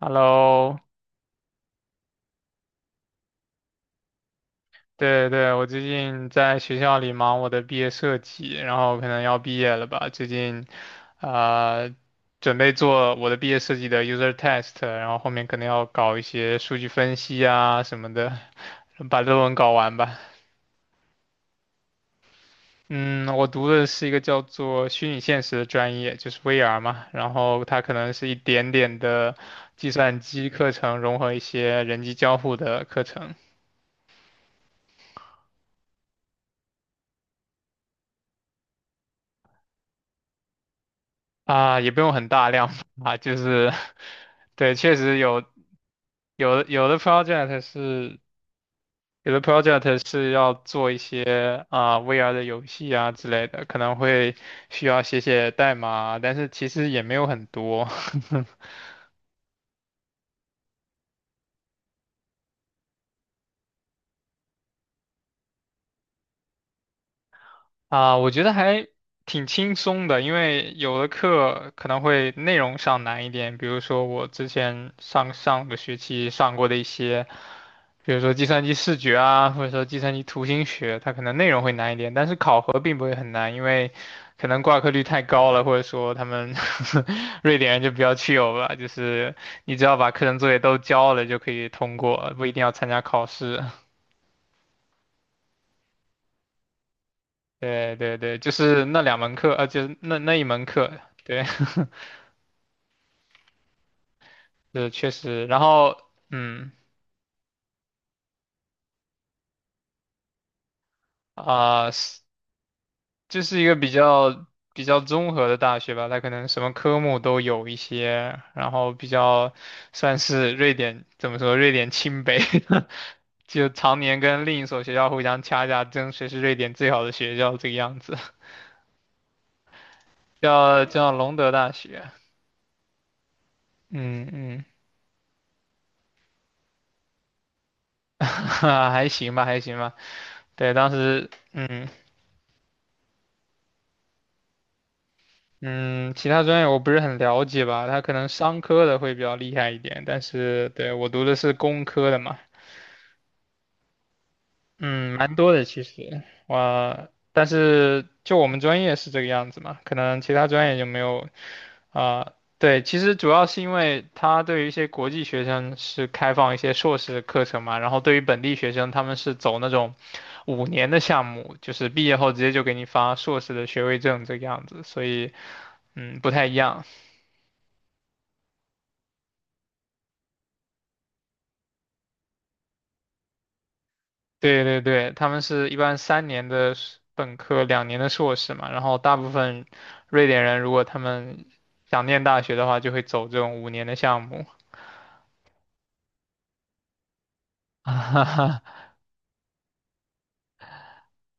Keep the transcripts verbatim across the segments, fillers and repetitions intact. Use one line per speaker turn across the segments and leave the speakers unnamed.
Hello,对对，我最近在学校里忙我的毕业设计，然后可能要毕业了吧。最近，呃，准备做我的毕业设计的 user test,然后后面可能要搞一些数据分析啊什么的，把论文搞完吧。嗯，我读的是一个叫做虚拟现实的专业，就是 V R 嘛，然后它可能是一点点的计算机课程融合一些人机交互的课程。啊，也不用很大量啊，就是，对，确实有有的有的 project 是有的 project 是要做一些啊、V R 的游戏啊之类的，可能会需要写写代码啊但是其实也没有很多。啊，我觉得还挺轻松的，因为有的课可能会内容上难一点，比如说我之前上上个学期上过的一些，比如说计算机视觉啊，或者说计算机图形学，它可能内容会难一点，但是考核并不会很难，因为可能挂科率太高了，或者说他们 瑞典人就比较 c h 吧，就是你只要把课程作业都交了就可以通过，不一定要参加考试。对对对，就是那两门课，呃，就是那那一门课，对，是确实，然后，嗯，啊、是就是一个比较比较综合的大学吧，它可能什么科目都有一些，然后比较算是瑞典怎么说，瑞典清北，就常年跟另一所学校互相掐架，争谁是瑞典最好的学校这个样子，叫叫隆德大学，嗯嗯，还行吧，还行吧，对，当时。嗯，嗯，其他专业我不是很了解吧，他可能商科的会比较厉害一点，但是对，我读的是工科的嘛，嗯，蛮多的其实，我，但是就我们专业是这个样子嘛，可能其他专业就没有啊，对，其实主要是因为他对于一些国际学生是开放一些硕士课程嘛，然后对于本地学生他们是走那种五年的项目，就是毕业后直接就给你发硕士的学位证这个样子，所以嗯不太一样。对对对，他们是一般三年的硕本科，两年的硕士嘛。然后大部分瑞典人，如果他们想念大学的话，就会走这种五年的项目。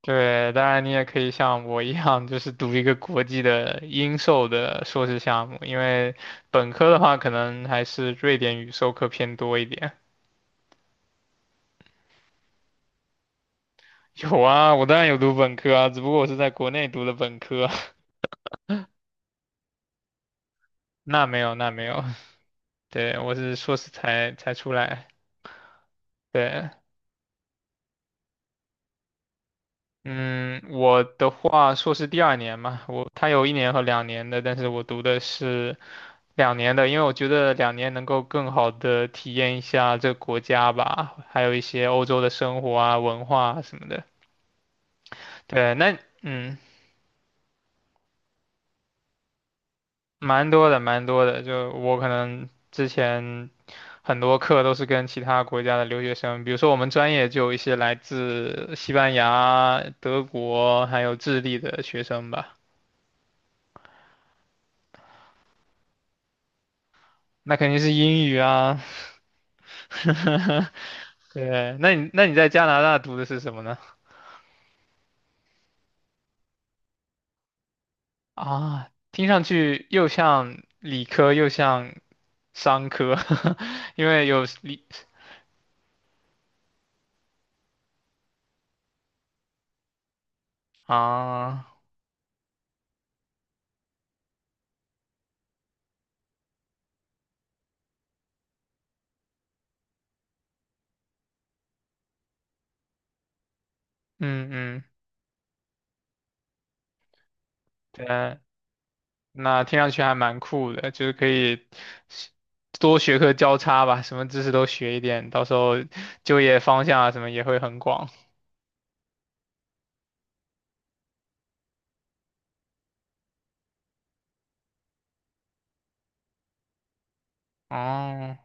对，当然你也可以像我一样，就是读一个国际的英授的硕士项目，因为本科的话，可能还是瑞典语授课偏多一点。有啊，我当然有读本科啊，只不过我是在国内读的本科。那没有，那没有，对，我是硕士才才出来。对，嗯，我的话，硕士第二年嘛，我他有一年和两年的，但是我读的是两年的，因为我觉得两年能够更好的体验一下这个国家吧，还有一些欧洲的生活啊、文化啊什么的。对，那嗯，蛮多的，蛮多的。就我可能之前很多课都是跟其他国家的留学生，比如说我们专业就有一些来自西班牙、德国还有智利的学生吧。那肯定是英语啊，对，那你那你在加拿大读的是什么呢？啊，听上去又像理科又像商科，因为有理啊，嗯嗯，对，那听上去还蛮酷的，就是可以多学科交叉吧，什么知识都学一点，到时候就业方向啊什么也会很广。哦，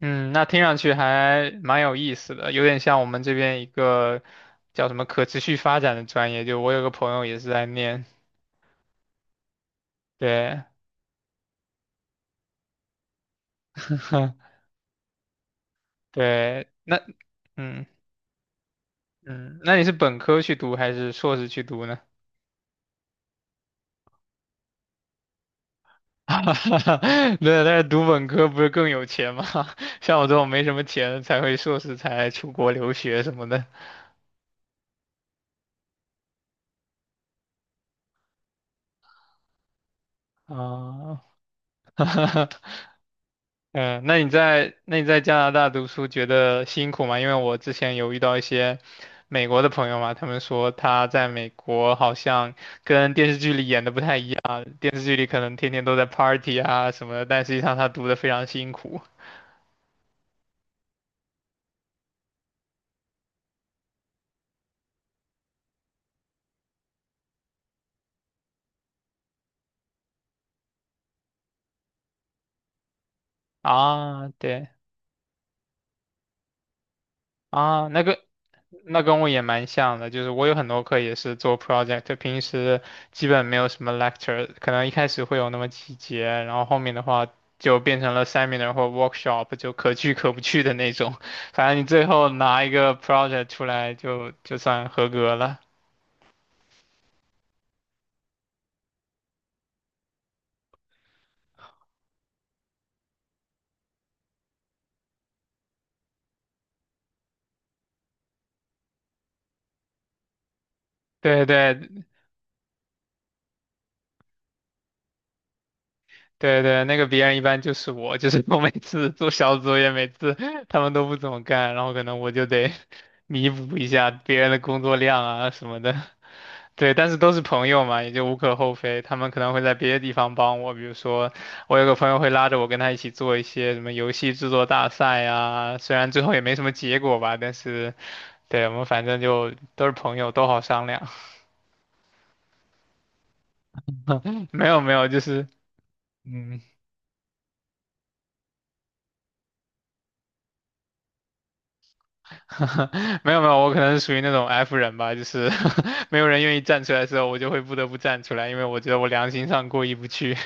嗯，那听上去还蛮有意思的，有点像我们这边一个叫什么可持续发展的专业，就我有个朋友也是在念，对，对，那，嗯嗯，那你是本科去读还是硕士去读呢？对，但是读本科不是更有钱吗？像我这种没什么钱的才会硕士才出国留学什么的啊。嗯，那你在那你在加拿大读书觉得辛苦吗？因为我之前有遇到一些美国的朋友嘛，他们说他在美国好像跟电视剧里演的不太一样，电视剧里可能天天都在 party 啊什么的，但实际上他读的非常辛苦啊。对啊，那个。那跟我也蛮像的，就是我有很多课也是做 project,平时基本没有什么 lecture,可能一开始会有那么几节，然后后面的话就变成了 seminar 或 workshop,就可去可不去的那种。反正你最后拿一个 project 出来就就算合格了。对对对对，那个别人一般就是我，就是 我每次做小组作业，每次他们都不怎么干，然后可能我就得 弥补一下别人的工作量啊什么的。对，但是都是朋友嘛，也就无可厚非。他们可能会在别的地方帮我，比如说我有个朋友会拉着我跟他一起做一些什么游戏制作大赛呀，虽然最后也没什么结果吧，但是，对，我们反正就都是朋友，都好商量。没有没有，就是嗯，没有没有，我可能是属于那种 F 人吧，就是 没有人愿意站出来的时候，我就会不得不站出来，因为我觉得我良心上过意不去。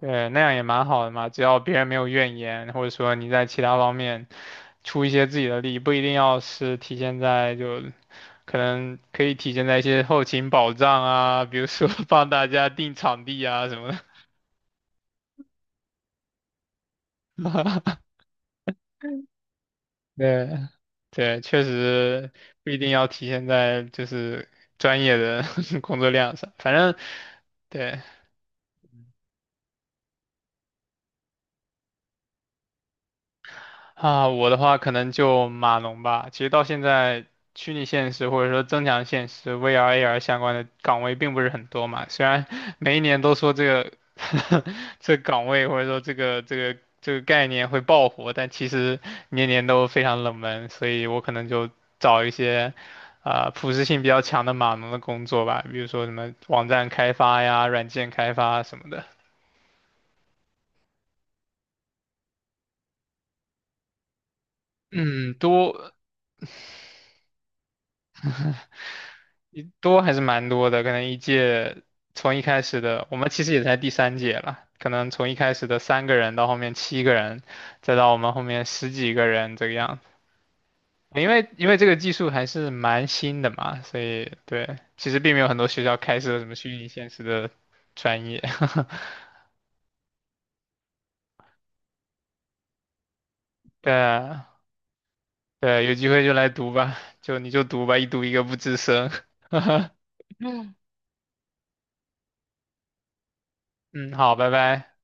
对，那样也蛮好的嘛，只要别人没有怨言，或者说你在其他方面出一些自己的力，不一定要是体现在就可能可以体现在一些后勤保障啊，比如说 帮大家订场地啊什么的。对，对，确实不一定要体现在就是专业的 工作量上，反正对。啊，我的话可能就码农吧。其实到现在，虚拟现实或者说增强现实 V R、A R 相关的岗位并不是很多嘛。虽然每一年都说这个 这个岗位或者说这个这个这个概念会爆火，但其实年年都非常冷门。所以我可能就找一些啊、普适性比较强的码农的工作吧，比如说什么网站开发呀、软件开发什么的。嗯，多。多还是蛮多的，可能一届从一开始的，我们其实也才第三届了，可能从一开始的三个人到后面七个人，再到我们后面十几个人这个样子。因为因为这个技术还是蛮新的嘛，所以对，其实并没有很多学校开设什么虚拟现实的专业。对啊对啊，有机会就来读吧，就你就读吧，一读一个不吱声。嗯，好，拜拜。